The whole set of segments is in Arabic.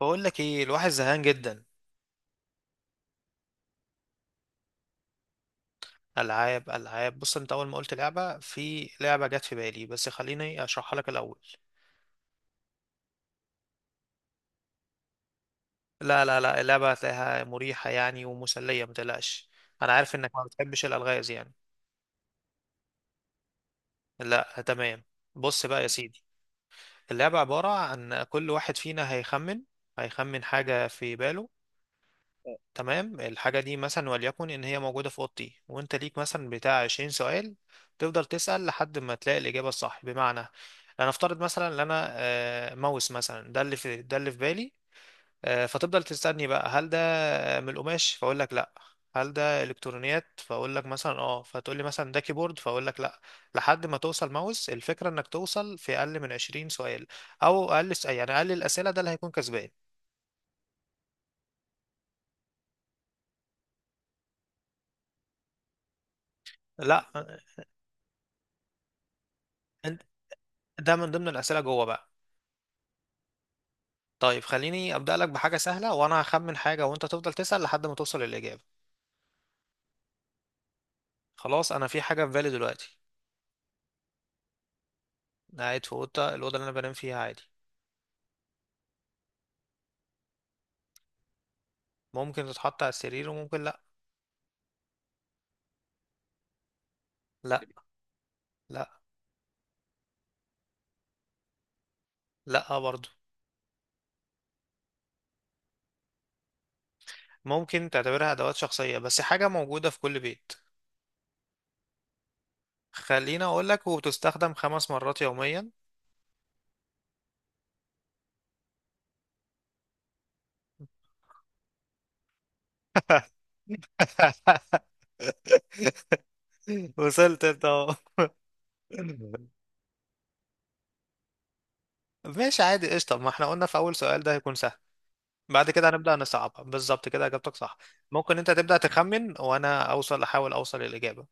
بقول لك ايه، الواحد زهقان جدا. العاب بص، انت اول ما قلت لعبه في لعبه جت في بالي، بس خليني اشرحها لك الاول. لا، اللعبه هتلاقيها مريحه يعني ومسليه، ما تقلقش. انا عارف انك ما بتحبش الالغاز يعني. لا، تمام. بص بقى يا سيدي، اللعبه عباره عن كل واحد فينا هيخمن، هيخمن حاجه في باله. تمام، الحاجة دي مثلا وليكن إن هي موجودة في أوضتي، وأنت ليك مثلا بتاع 20 سؤال، تفضل تسأل لحد ما تلاقي الإجابة الصح. بمعنى أنا أفترض مثلا إن أنا ماوس مثلا، ده اللي في بالي. فتفضل تسألني بقى هل ده من القماش، فأقول لك لأ. هل ده إلكترونيات، فأقول لك مثلا أه، فتقول لي مثلا ده كيبورد، فأقول لك لأ، لحد ما توصل ماوس. الفكرة إنك توصل في أقل من 20 سؤال أو أقل، يعني أقل الأسئلة ده اللي هيكون كسبان. لأ، ده من ضمن الأسئلة جوه بقى. طيب خليني أبدأ لك بحاجة سهلة، وأنا هخمن حاجة وأنت تفضل تسأل لحد ما توصل للإجابة. خلاص أنا في حاجة في بالي دلوقتي. أنا قاعد في أوضة، الأوضة اللي أنا بنام فيها عادي. ممكن تتحط على السرير وممكن لأ لأ. لأ. لأ برضه. ممكن تعتبرها أدوات شخصية، بس حاجة موجودة في كل بيت. خليني أقول لك، وبتستخدم خمس مرات يوميا. وصلت أنت أهو. ماشي عادي، قشطة، ما احنا قلنا في أول سؤال ده هيكون سهل. بعد كده هنبدأ نصعبها. بالظبط كده، اجابتك صح. ممكن انت تبدأ تخمن وانا اوصل، احاول اوصل للإجابة.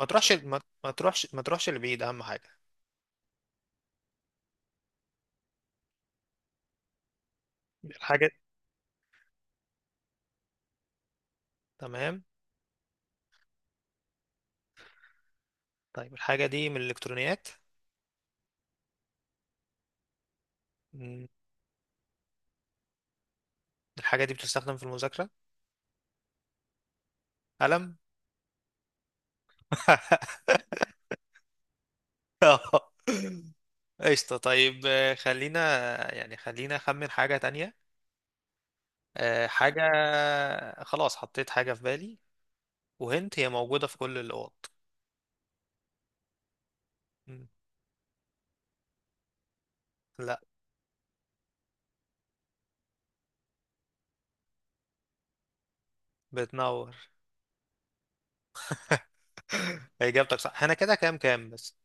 ما تروحش، لبعيد، اهم حاجة. الحاجة تمام. طيب الحاجة دي من الالكترونيات؟ مم، الحاجة دي بتستخدم في المذاكرة؟ قلم. آه. قشطة. طيب، خلينا، يعني خلينا أخمن حاجة تانية. آه، حاجة خلاص حطيت حاجة في بالي، وهنت هي موجودة في كل الأوض. مم. لا. بتنور. اجابتك صح. احنا كده كام كام بس؟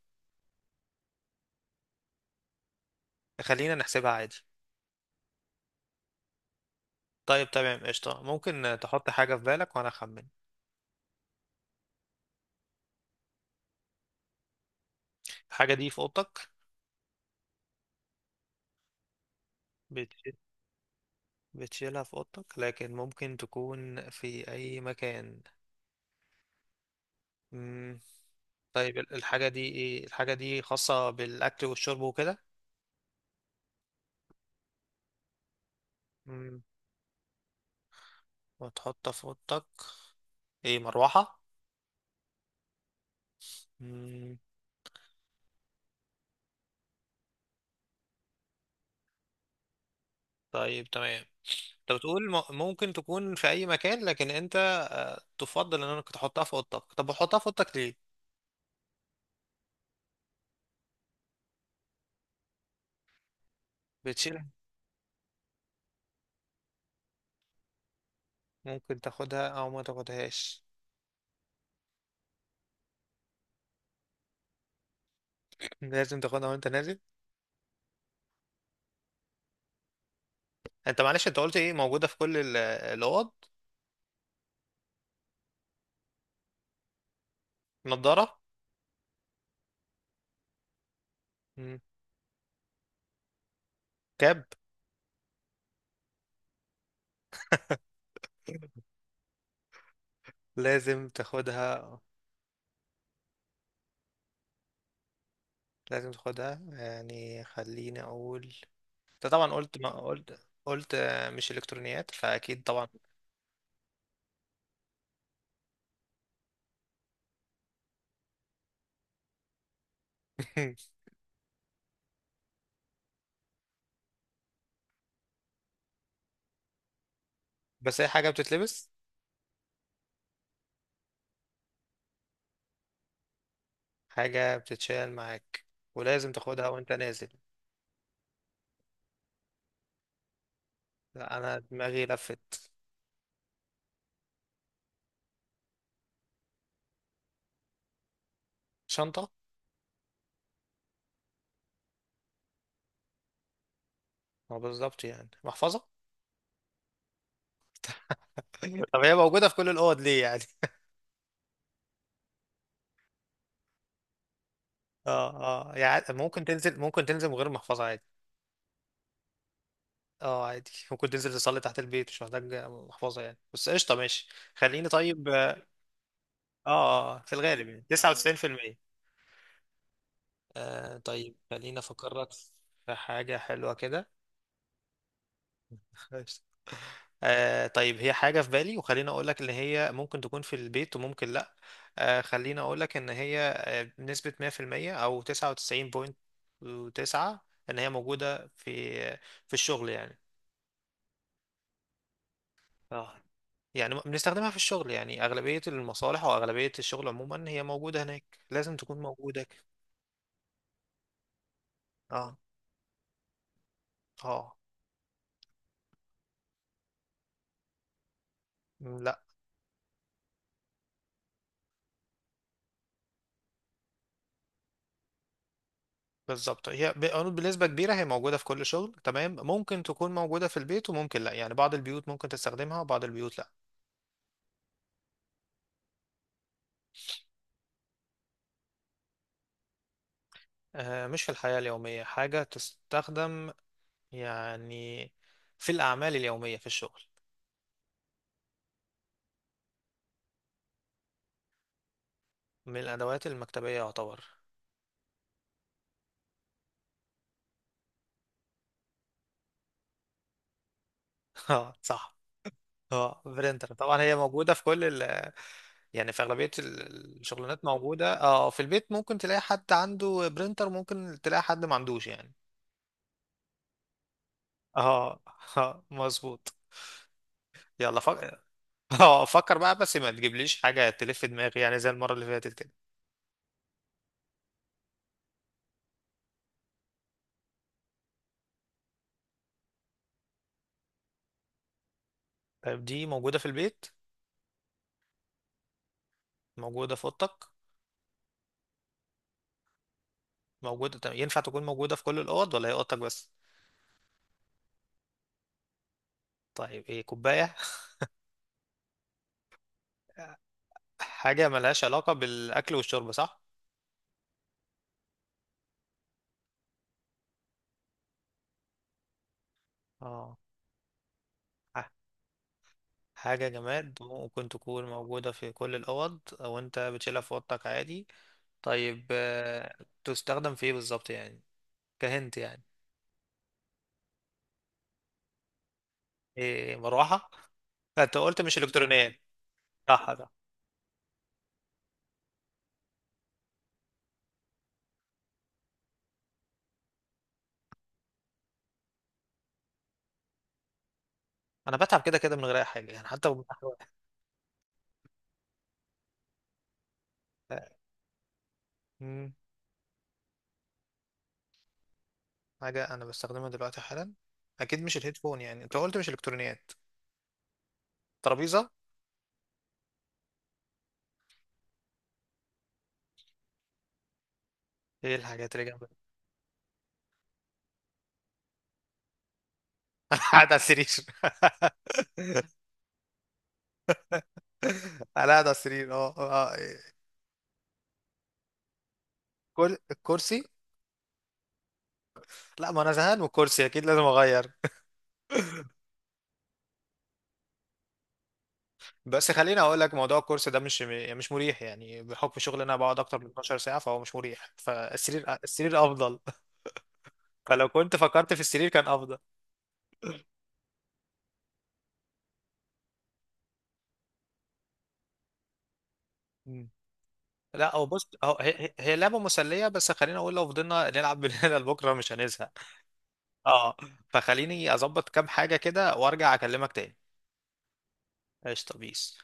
خلينا نحسبها عادي. طيب تمام، قشطة، ممكن تحط حاجة في بالك وانا اخمن. الحاجة دي في اوضتك؟ بتشيل- بتشيلها في اوضتك لكن ممكن تكون في اي مكان. مم. طيب الحاجة دي ايه؟ الحاجة دي خاصة بالاكل والشرب وكده؟ مم. وتحطها في اوضتك؟ ايه، مروحة؟ مم. طيب تمام. انت بتقول ممكن تكون في اي مكان، لكن انت تفضل انك تحطها في اوضتك، طب بتحطها في اوضتك ليه؟ بتشيل. ممكن تاخدها او ما تاخدهاش؟ لازم تاخدها وانت نازل. انت معلش، انت قلت ايه، موجودة في كل الاوض؟ نضارة؟ مم. كاب؟ لازم تاخدها. لازم تاخدها، يعني خليني اقول، انت طبعا قلت، ما قلت قلت مش الكترونيات، فاكيد طبعا. بس هي حاجة بتتلبس؟ حاجة بتتشال معاك، ولازم تاخدها وانت نازل؟ لا، انا دماغي لفت. شنطة؟ ما بالظبط، يعني محفظة. طب هي موجودة في كل الأوض ليه يعني؟ اه. اه يعني ممكن تنزل، ممكن تنزل من غير محفظة عادي. اه عادي، ممكن تنزل تصلي تحت البيت، مش محتاج محفظة يعني. بس قشطة، ماشي. خليني، طيب اه، في الغالب يعني 99%. آه طيب خليني افكرك في حاجة حلوة كده. قشطة. آه طيب، هي حاجة في بالي، وخليني اقول لك ان هي ممكن تكون في البيت وممكن لا. آه خليني اقول لك ان هي، بنسبة 100% او 99.9، ان هي موجودة في، في الشغل يعني. اه. يعني بنستخدمها في الشغل، يعني أغلبية المصالح وأغلبية الشغل عموما هي موجودة هناك، لازم تكون موجودة اه. اه. لا. بالظبط، هي بنسبة كبيرة هي موجودة في كل شغل، تمام. ممكن تكون موجودة في البيت وممكن لا، يعني بعض البيوت ممكن تستخدمها وبعض البيوت لا. آه مش في الحياة اليومية حاجة تستخدم، يعني في الأعمال اليومية، في الشغل. من الأدوات المكتبية يعتبر. اه صح. اه، برينتر طبعا، هي موجودة في كل ال، يعني في أغلبية الشغلانات موجودة. اه في البيت ممكن تلاقي حد عنده برينتر، ممكن تلاقي حد ما عندوش يعني. اه. مظبوط. يلا فكر. اه فكر بقى، بس ما تجيبليش حاجة تلف دماغي يعني، زي المرة اللي فاتت كده. طيب دي موجودة في البيت؟ موجودة في أوضتك؟ موجودة، طب ينفع تكون موجودة في كل الأوض ولا هي أوضتك بس؟ طيب ايه، كوباية؟ حاجة ملهاش علاقة بالأكل والشرب، صح؟ اه. ح- حاجة جماد، ممكن تكون موجودة في كل الأوض أو أنت بتشيلها في أوضتك عادي. طيب تستخدم في ايه بالظبط يعني؟ كهنت يعني. إيه، مروحة؟ لا، انت قلت مش الكترونيات. صح ده. انا بتعب كده كده من غير اي حاجة يعني، حتى من أحلى واحد. آه، مم، حاجة انا بستخدمها دلوقتي حالا؟ اكيد مش الهيدفون، يعني انت قلت مش الكترونيات. ترابيزة؟ ايه الحاجات اللي جنبك؟ انا قاعد على السرير. انا قاعد على السرير اه. كل الكرسي؟ لا، ما انا زهقان من الكرسي، اكيد لازم اغير. بس خليني اقول لك، موضوع الكورس ده مش، مش مريح يعني، بحكم شغلي انا بقعد اكتر من 12 ساعه، فهو مش مريح، فالسرير، السرير افضل. فلو كنت فكرت في السرير كان افضل. مم. لا هو بص، هو هي, هي هي لعبه مسليه، بس خليني اقول، لو فضلنا نلعب من هنا لبكره مش هنزهق. اه. فخليني اظبط كام حاجه كده وارجع اكلمك تاني. قشطه، بيس.